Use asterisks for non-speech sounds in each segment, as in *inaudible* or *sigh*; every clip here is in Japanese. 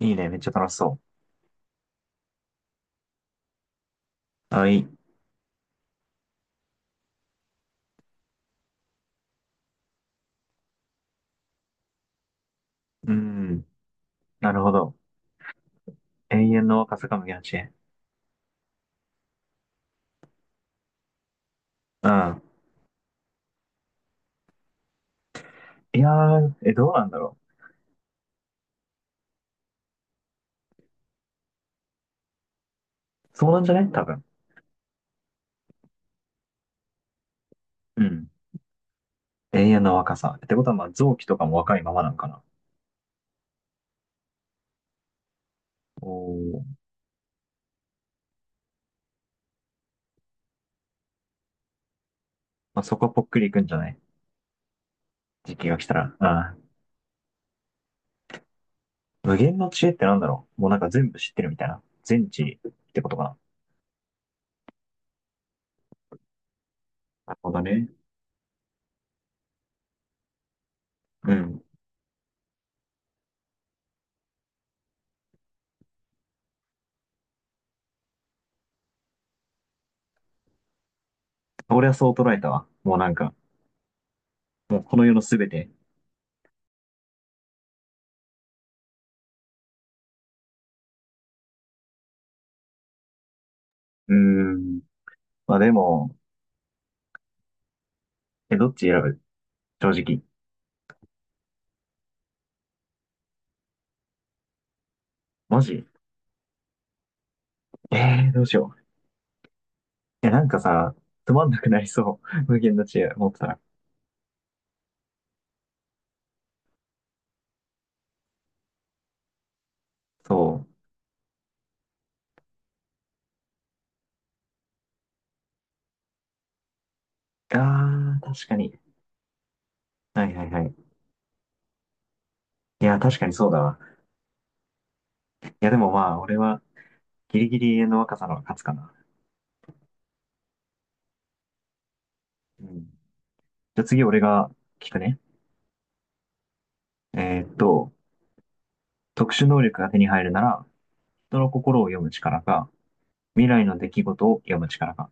いいね。めっちゃ楽しそう。あ、いい。うん。なるほど。永遠の若さか無限八へ。うん。いやー、え、どうなんだろう。そうなんじゃない？多分。うん。永遠の若さ。ってことは、まあ、臓器とかも若いままなんかな。おー。まあ、そこはぽっくりいくんじゃない？時期が来たら。うん。無限の知恵ってなんだろう。もうなんか全部知ってるみたいな。全知ってことかな。なるほどね。うん。俺はそう捉えたわ。もうなんか、もうこの世のすべて。うーん。まあでも、え、どっち選ぶ？正直。マジ？えどうしよう。いや、なんかさ、つまんなくなりそう。*laughs* 無限の知恵持ってたら。そう。あー、確かに。はいはいはい。いや、確かにそうだわ。いや、でもまあ、俺は、ギリギリ永遠の若さの方が勝つかな。うん。じゃあ次、俺が聞くね。えーっと、特殊能力が手に入るなら、人の心を読む力か、未来の出来事を読む力か。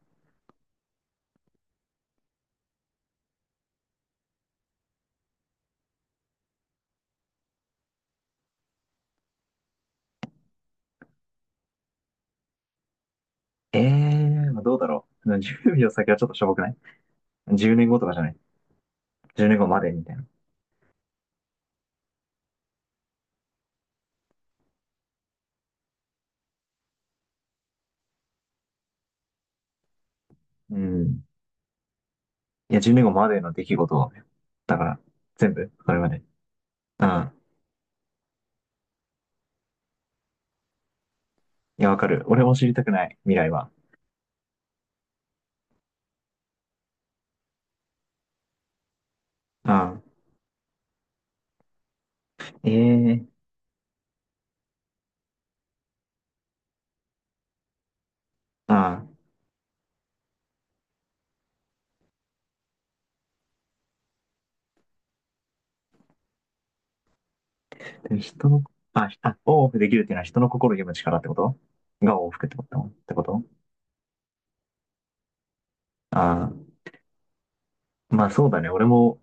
えまあ、どうだろう。10秒先はちょっとしょぼくない？ 10 年後とかじゃない？ 10 年後までみたいな。うん。いや、10年後までの出来事をね。だから、全部、それまで。うん。いや、わかる。俺も知りたくない、未来は。うん。ええー、うん。でも人の、あ、オンオフできるっていうのは人の心を読む力ってことがオンオフってことってこと？ああー、まあそうだね。俺も、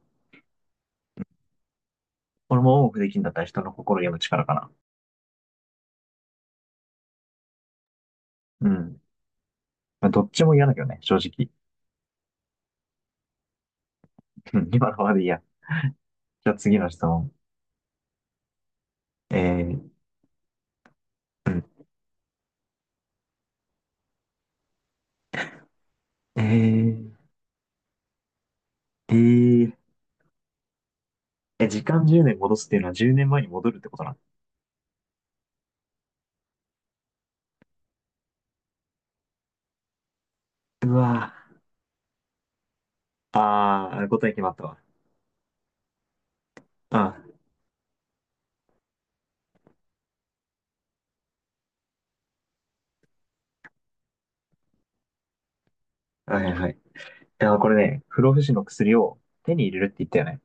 俺もオンオフできるんだったら人の心を読む力かな。うん。まあ、どっちも嫌だけどね、正直。うん、今のままでいいや。じゃあ次の質問。えー、うん。えー、えー、時間10年戻すっていうのは10年前に戻るってことなの？うわぁ。ああ、答え決まったわ。あー、はいはいはい。いや、これね、不老不死の薬を手に入れるって言ったよね。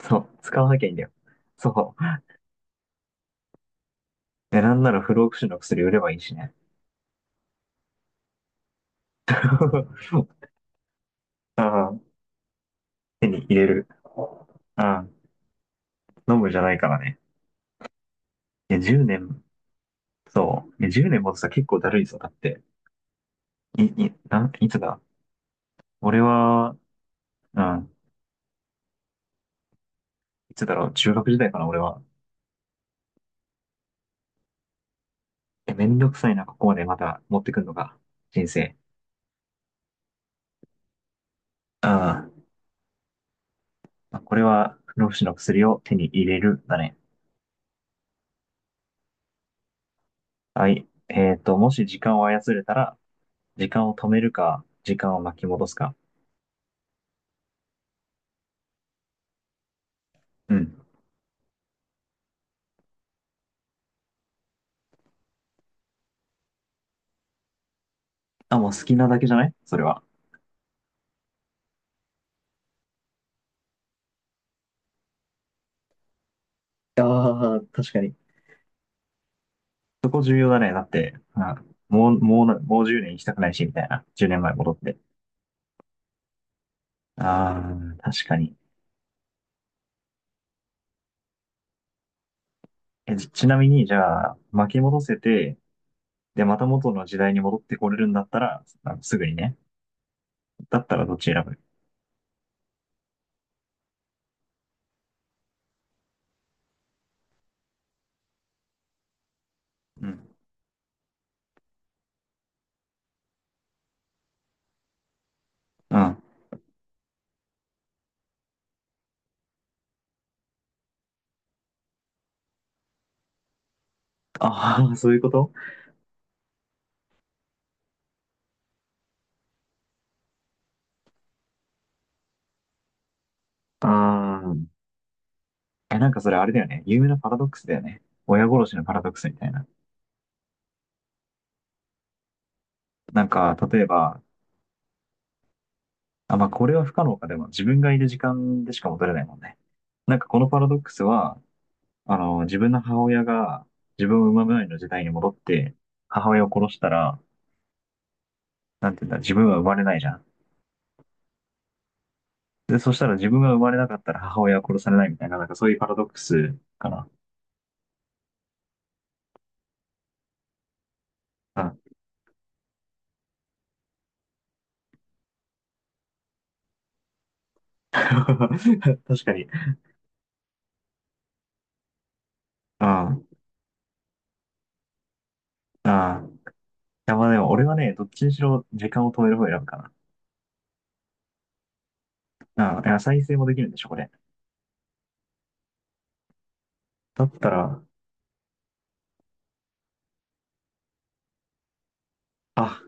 そう、使わなきゃいいんだよ。そう。え、なんなら不老不死の薬売ればいいしね。*laughs* ああ、手に入れる。ああ、飲むじゃないからね。いや、10年、そう。いや、10年もとさ、結構だるいぞ。だって、い、い、なん、いつだ俺は、うん、いつだろう、中学時代かな、俺は。え、めんどくさいな、ここまでまた持ってくんのか、人生。うん。まあこれは不老不死の薬を手に入れるだね。はい。もし時間を操れたら、時間を止めるか、時間を巻き戻すか。うん。あ、もう好きなだけじゃない？それは。ああ、確かに。そこ重要だね。だって、まあもう10年行きたくないし、みたいな。10年前戻って。ああ、確かに。え、ちちなみに、じゃあ、巻き戻せて、で、また元の時代に戻ってこれるんだったら、まあのすぐにね。だったらどっち選ぶ？うん。うん、ああ、そういうこと？ああ、え、なんかそれあれだよね。有名なパラドックスだよね。親殺しのパラドックスみたいな。なんか、例えば、あ、まあ、これは不可能か。でも、自分がいる時間でしか戻れないもんね。なんか、このパラドックスは、自分の母親が自分を産む前の時代に戻って、母親を殺したら、なんていうんだ、自分は生まれないじゃん。で、そしたら自分が生まれなかったら母親は殺されないみたいな、なんかそういうパラドックスかな。うん。*laughs* 確かに。うん。ああ。いや、まあでも、俺はね、どっちにしろ時間を止める方を選ぶかな。ああ、いや再生もできるんでしょ？これ。だったら、あ、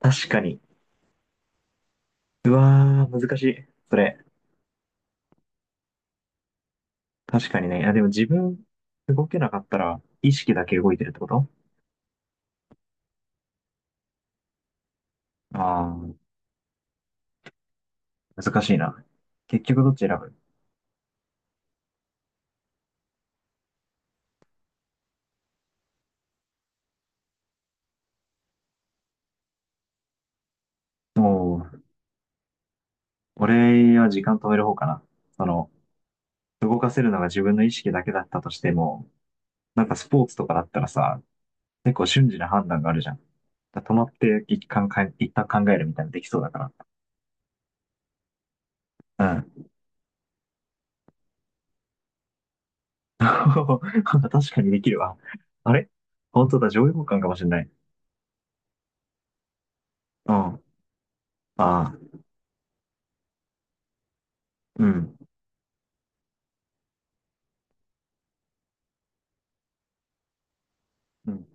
確かに。うわー、難しい。それ。確かにね。いや、でも自分、動けなかったら、意識だけ動いてるってこと？ああー、難しいな。結局どっち選ぶ？もう、俺は時間止める方かな。その、動かせるのが自分の意識だけだったとしても、なんかスポーツとかだったらさ、結構瞬時な判断があるじゃん。だから止まって一旦考えるみたいなのできそうだから。うん。*laughs* 確かにできるわ。あれ本当だ、上位互換かもしれない。うん。ああ、うん。うん。い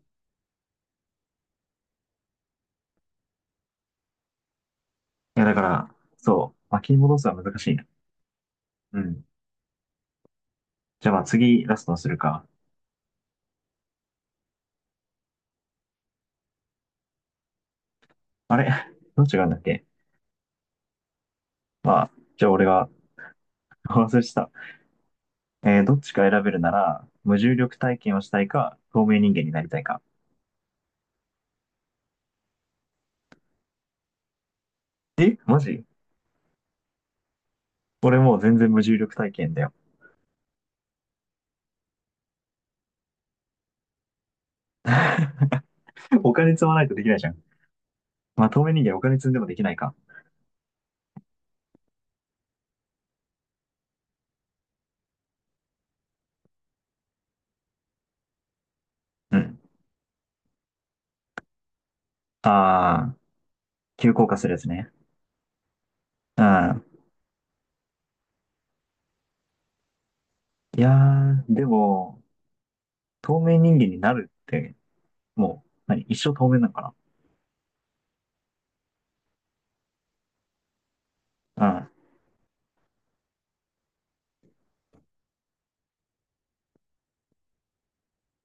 や、だから、そう、巻き戻すは難しいな。うん。じゃあまあ次、ラストにするか。あれ *laughs* どっちがあるんだっけ？まあ、じゃあ俺が *laughs* 忘れてた。どっちか選べるなら、無重力体験をしたいか、透明人間になりたいか。え、マジ？俺もう全然無重力体験だよ。*laughs* お金積まないとできないじゃん。まあ、透明人間お金積んでもできないか。うん。ああ、急降下するやつね。ああ、いやー、でも、透明人間になるって、もう、何、一生透明なのかな？あ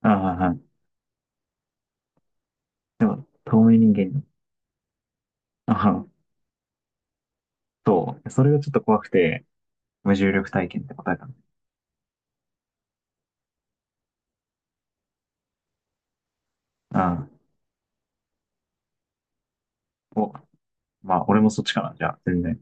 あ、ああ、透明人間に。ああ、そう、それがちょっと怖くて、無重力体験って答えたの。ああ、お、まあ、俺もそっちかな、じゃあ、全然。